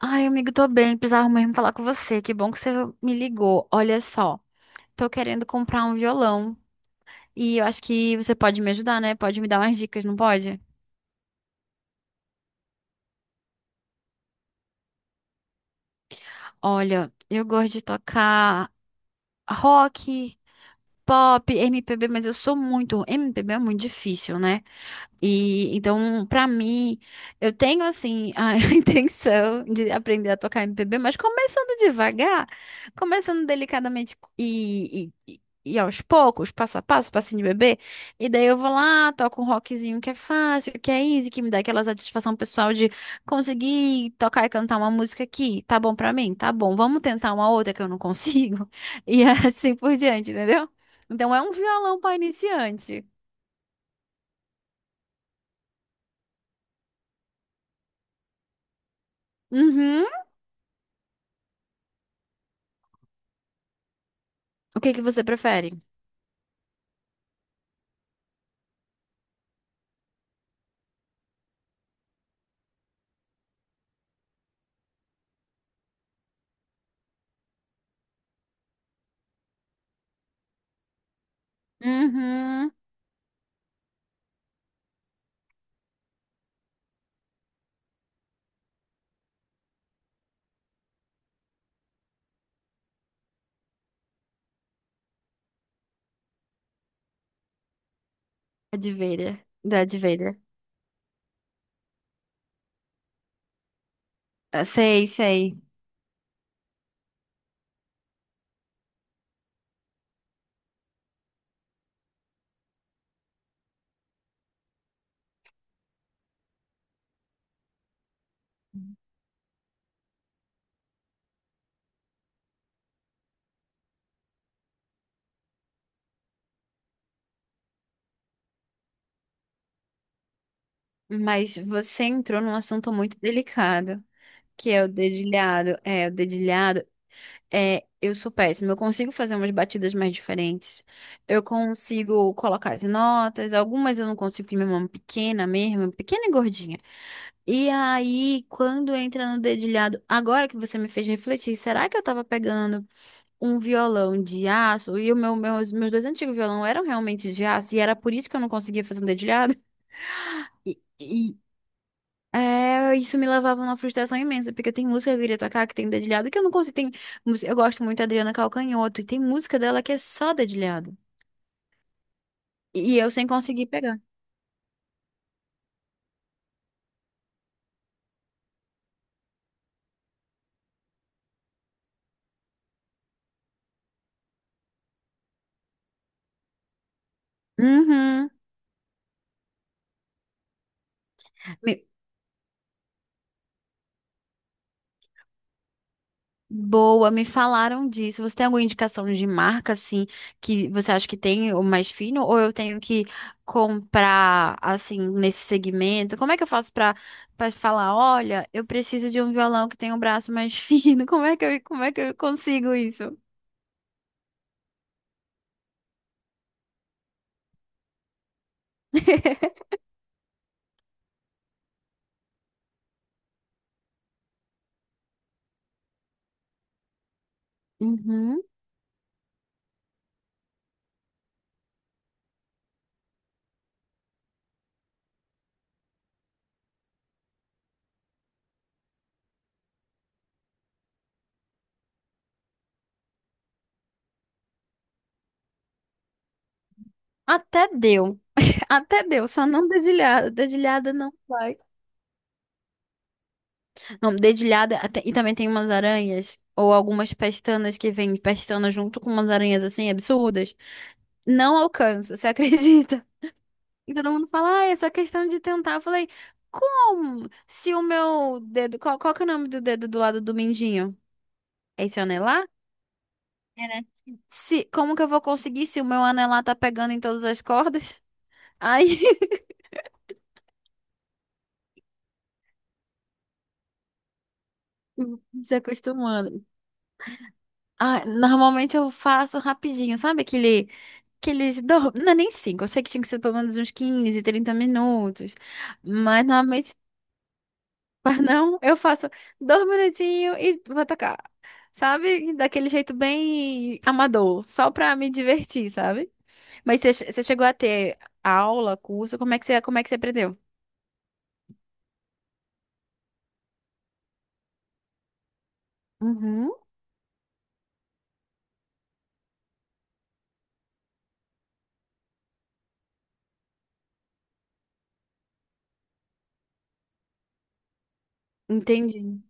Ai, amigo, tô bem. Precisava mesmo falar com você. Que bom que você me ligou. Olha só, tô querendo comprar um violão e eu acho que você pode me ajudar, né? Pode me dar umas dicas, não pode? Olha, eu gosto de tocar rock, pop, MPB, mas eu sou muito. MPB é muito difícil, né? E então, pra mim, eu tenho assim a intenção de aprender a tocar MPB, mas começando devagar, começando delicadamente e aos poucos, passo a passo, passinho de bebê. E daí eu vou lá, toco um rockzinho que é fácil, que é easy, que me dá aquela satisfação pessoal de conseguir tocar e cantar uma música aqui. Tá bom pra mim? Tá bom. Vamos tentar uma outra que eu não consigo. E assim por diante, entendeu? Então é um violão para iniciante. Uhum. O que que você prefere? Uhum. Darth Vader. Darth Vader. Ah, sei, sei. Mas você entrou num assunto muito delicado, que é o dedilhado. É, o dedilhado. É, eu sou péssima. Eu consigo fazer umas batidas mais diferentes. Eu consigo colocar as notas. Algumas eu não consigo, porque minha mão é pequena mesmo, pequena e gordinha. E aí, quando entra no dedilhado, agora que você me fez refletir, será que eu tava pegando um violão de aço? E meus dois antigos violão eram realmente de aço e era por isso que eu não conseguia fazer um dedilhado. E, e, é, isso me levava a uma frustração imensa, porque tem música que eu queria tocar que tem dedilhado que eu não consigo. Eu gosto muito da Adriana Calcanhoto e tem música dela que é só dedilhado. E eu sem conseguir pegar. Uhum. Boa, me falaram disso. Você tem alguma indicação de marca, assim, que você acha que tem o mais fino, ou eu tenho que comprar, assim, nesse segmento? Como é que eu faço pra falar, olha, eu preciso de um violão que tem um braço mais fino? Como é que eu consigo isso? Uhum. Até deu, até deu, só não dedilhada, dedilhada não vai. Não, dedilhada, e também tem umas aranhas, ou algumas pestanas que vêm pestana junto com umas aranhas, assim, absurdas. Não alcanço, você acredita? E todo mundo fala, ah, é só questão de tentar. Eu falei, como? Se o meu dedo. Qual que é o nome do dedo do lado do mindinho? É esse anelar? É, né? Se, Como que eu vou conseguir se o meu anelar tá pegando em todas as cordas? Aí, se acostumando. Ah, normalmente eu faço rapidinho, sabe aquele. Não, é nem cinco. Eu sei que tinha que ser pelo menos uns 15, 30 minutos. Mas normalmente. Mas não, eu faço 2 minutinhos e vou tocar. Sabe? Daquele jeito bem amador, só pra me divertir, sabe? Mas você chegou a ter aula, curso, como é que você aprendeu? Uhum, entendi.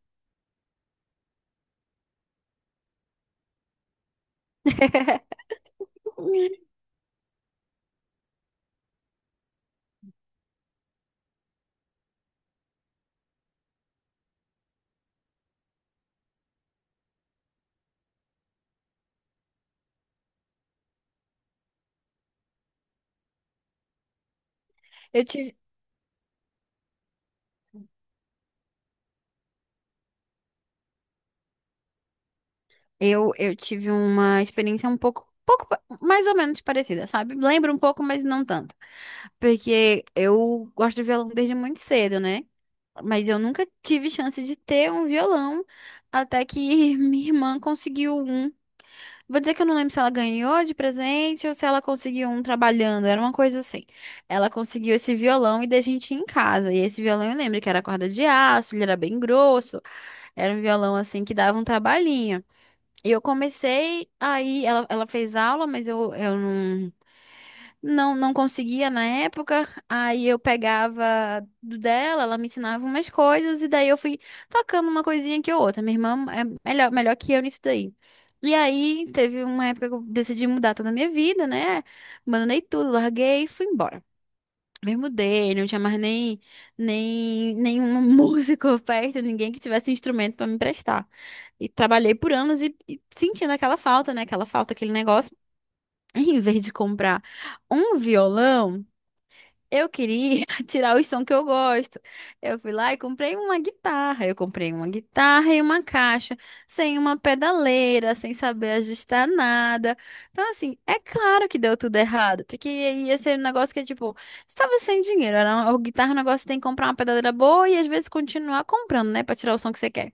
Eu tive, eu tive uma experiência mais ou menos parecida, sabe? Lembro um pouco, mas não tanto. Porque eu gosto de violão desde muito cedo, né? Mas eu nunca tive chance de ter um violão até que minha irmã conseguiu um. Vou dizer que eu não lembro se ela ganhou de presente ou se ela conseguiu um trabalhando, era uma coisa assim. Ela conseguiu esse violão e da gente ia em casa. E esse violão eu lembro que era corda de aço, ele era bem grosso, era um violão assim que dava um trabalhinho. E eu comecei aí, ela fez aula, mas eu não conseguia na época. Aí eu pegava do dela, ela me ensinava umas coisas, e daí eu fui tocando uma coisinha que outra. Minha irmã é melhor que eu nisso daí. E aí teve uma época que eu decidi mudar toda a minha vida, né? Abandonei tudo, larguei e fui embora. Me mudei, não tinha mais nem, nenhum músico perto, ninguém que tivesse instrumento para me emprestar. E trabalhei por anos e sentindo aquela falta, né? Aquela falta, aquele negócio. Em vez de comprar um violão, eu queria tirar os sons que eu gosto. Eu fui lá e comprei uma guitarra. Eu comprei uma guitarra e uma caixa, sem uma pedaleira, sem saber ajustar nada. Então, assim, é claro que deu tudo errado, porque ia ser um negócio que, tipo, estava sem dinheiro. A guitarra é um negócio que tem que comprar uma pedaleira boa e às vezes continuar comprando, né, pra tirar o som que você quer.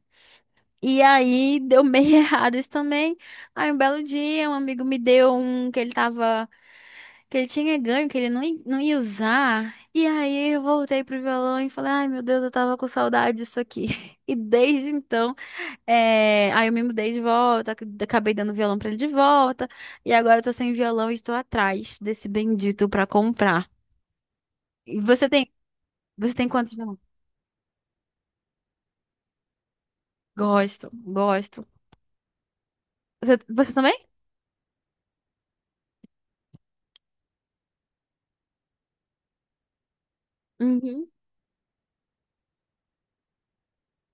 E aí deu meio errado isso também. Aí um belo dia, um amigo me deu um que ele tava. Que ele tinha ganho, que ele não ia usar. E aí eu voltei pro violão e falei, ai meu Deus, eu tava com saudade disso aqui. E desde então, aí eu me mudei de volta, acabei dando o violão pra ele de volta. E agora eu tô sem violão e estou atrás desse bendito pra comprar. E você tem quantos violões? Gosto, gosto. Você também? Uhum.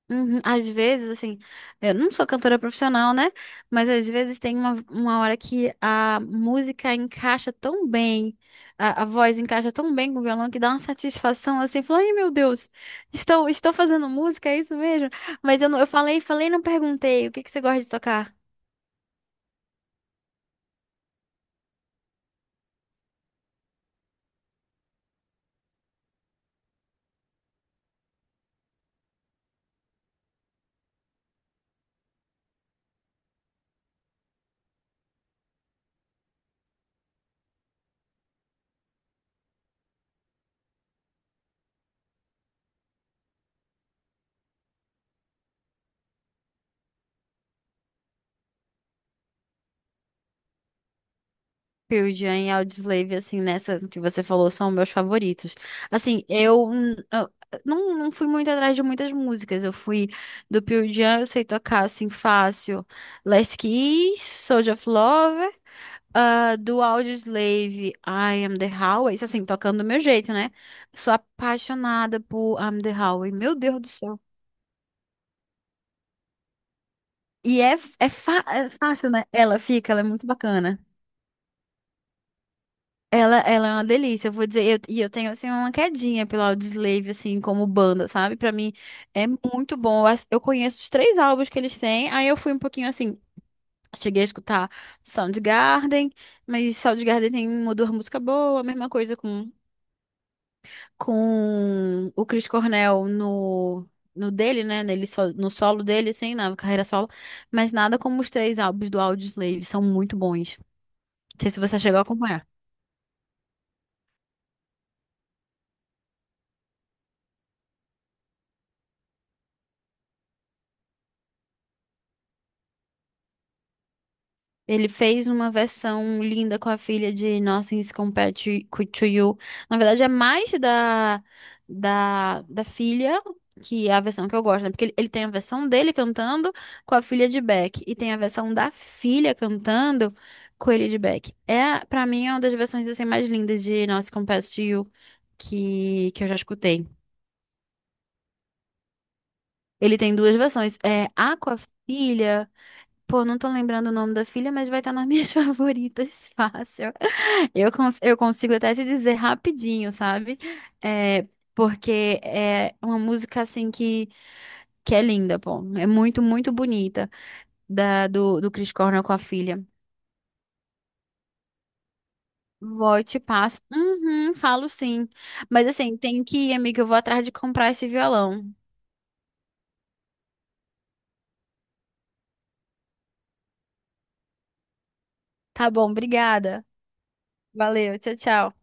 Uhum. Às vezes, assim, eu não sou cantora profissional, né? Mas às vezes tem uma hora que a música encaixa tão bem, a voz encaixa tão bem com o violão que dá uma satisfação assim, fala, ai meu Deus, estou fazendo música, é isso mesmo? Mas eu, não, eu falei, e não perguntei, o que que você gosta de tocar? Pearl Jam e Audioslave, assim, nessa que você falou, são meus favoritos. Assim, eu não fui muito atrás de muitas músicas. Eu fui do Pearl Jam, eu sei tocar, assim, fácil. Last Kiss, Soldier of Love. Ah, do Audioslave, I Am The Highway. Isso, assim, tocando do meu jeito, né? Sou apaixonada por I Am The Highway. Meu Deus do céu. E é, é fácil, né? Ela fica, ela é muito bacana. Ela é uma delícia, eu vou dizer, e eu tenho, assim, uma quedinha pelo Audioslave, assim, como banda, sabe? Pra mim é muito bom, eu conheço os três álbuns que eles têm, aí eu fui um pouquinho, assim, cheguei a escutar Soundgarden, mas Soundgarden tem uma ou duas músicas boas, a mesma coisa com o Chris Cornell no, no dele, né, nele, so- no solo dele, assim, na carreira solo, mas nada como os três álbuns do Audioslave, são muito bons, não sei se você chegou a acompanhar. Ele fez uma versão linda com a filha de Nothing Compared to You. Na verdade, é mais da filha, que é a versão que eu gosto, né? Porque ele tem a versão dele cantando com a filha de Beck. E tem a versão da filha cantando com ele de Beck. É, pra mim, é uma das versões assim, mais lindas de Nothing Compared to You que eu já escutei. Ele tem duas versões. É a com a filha. Pô, não tô lembrando o nome da filha, mas vai estar nas minhas favoritas, fácil. Eu consigo até te dizer rapidinho, sabe? É, porque é uma música assim que é linda, pô. É muito, muito bonita do Chris Cornell com a filha. Vou e te passo. Uhum, falo sim. Mas assim, tenho que ir, amiga. Eu vou atrás de comprar esse violão. Tá bom, obrigada. Valeu, tchau, tchau.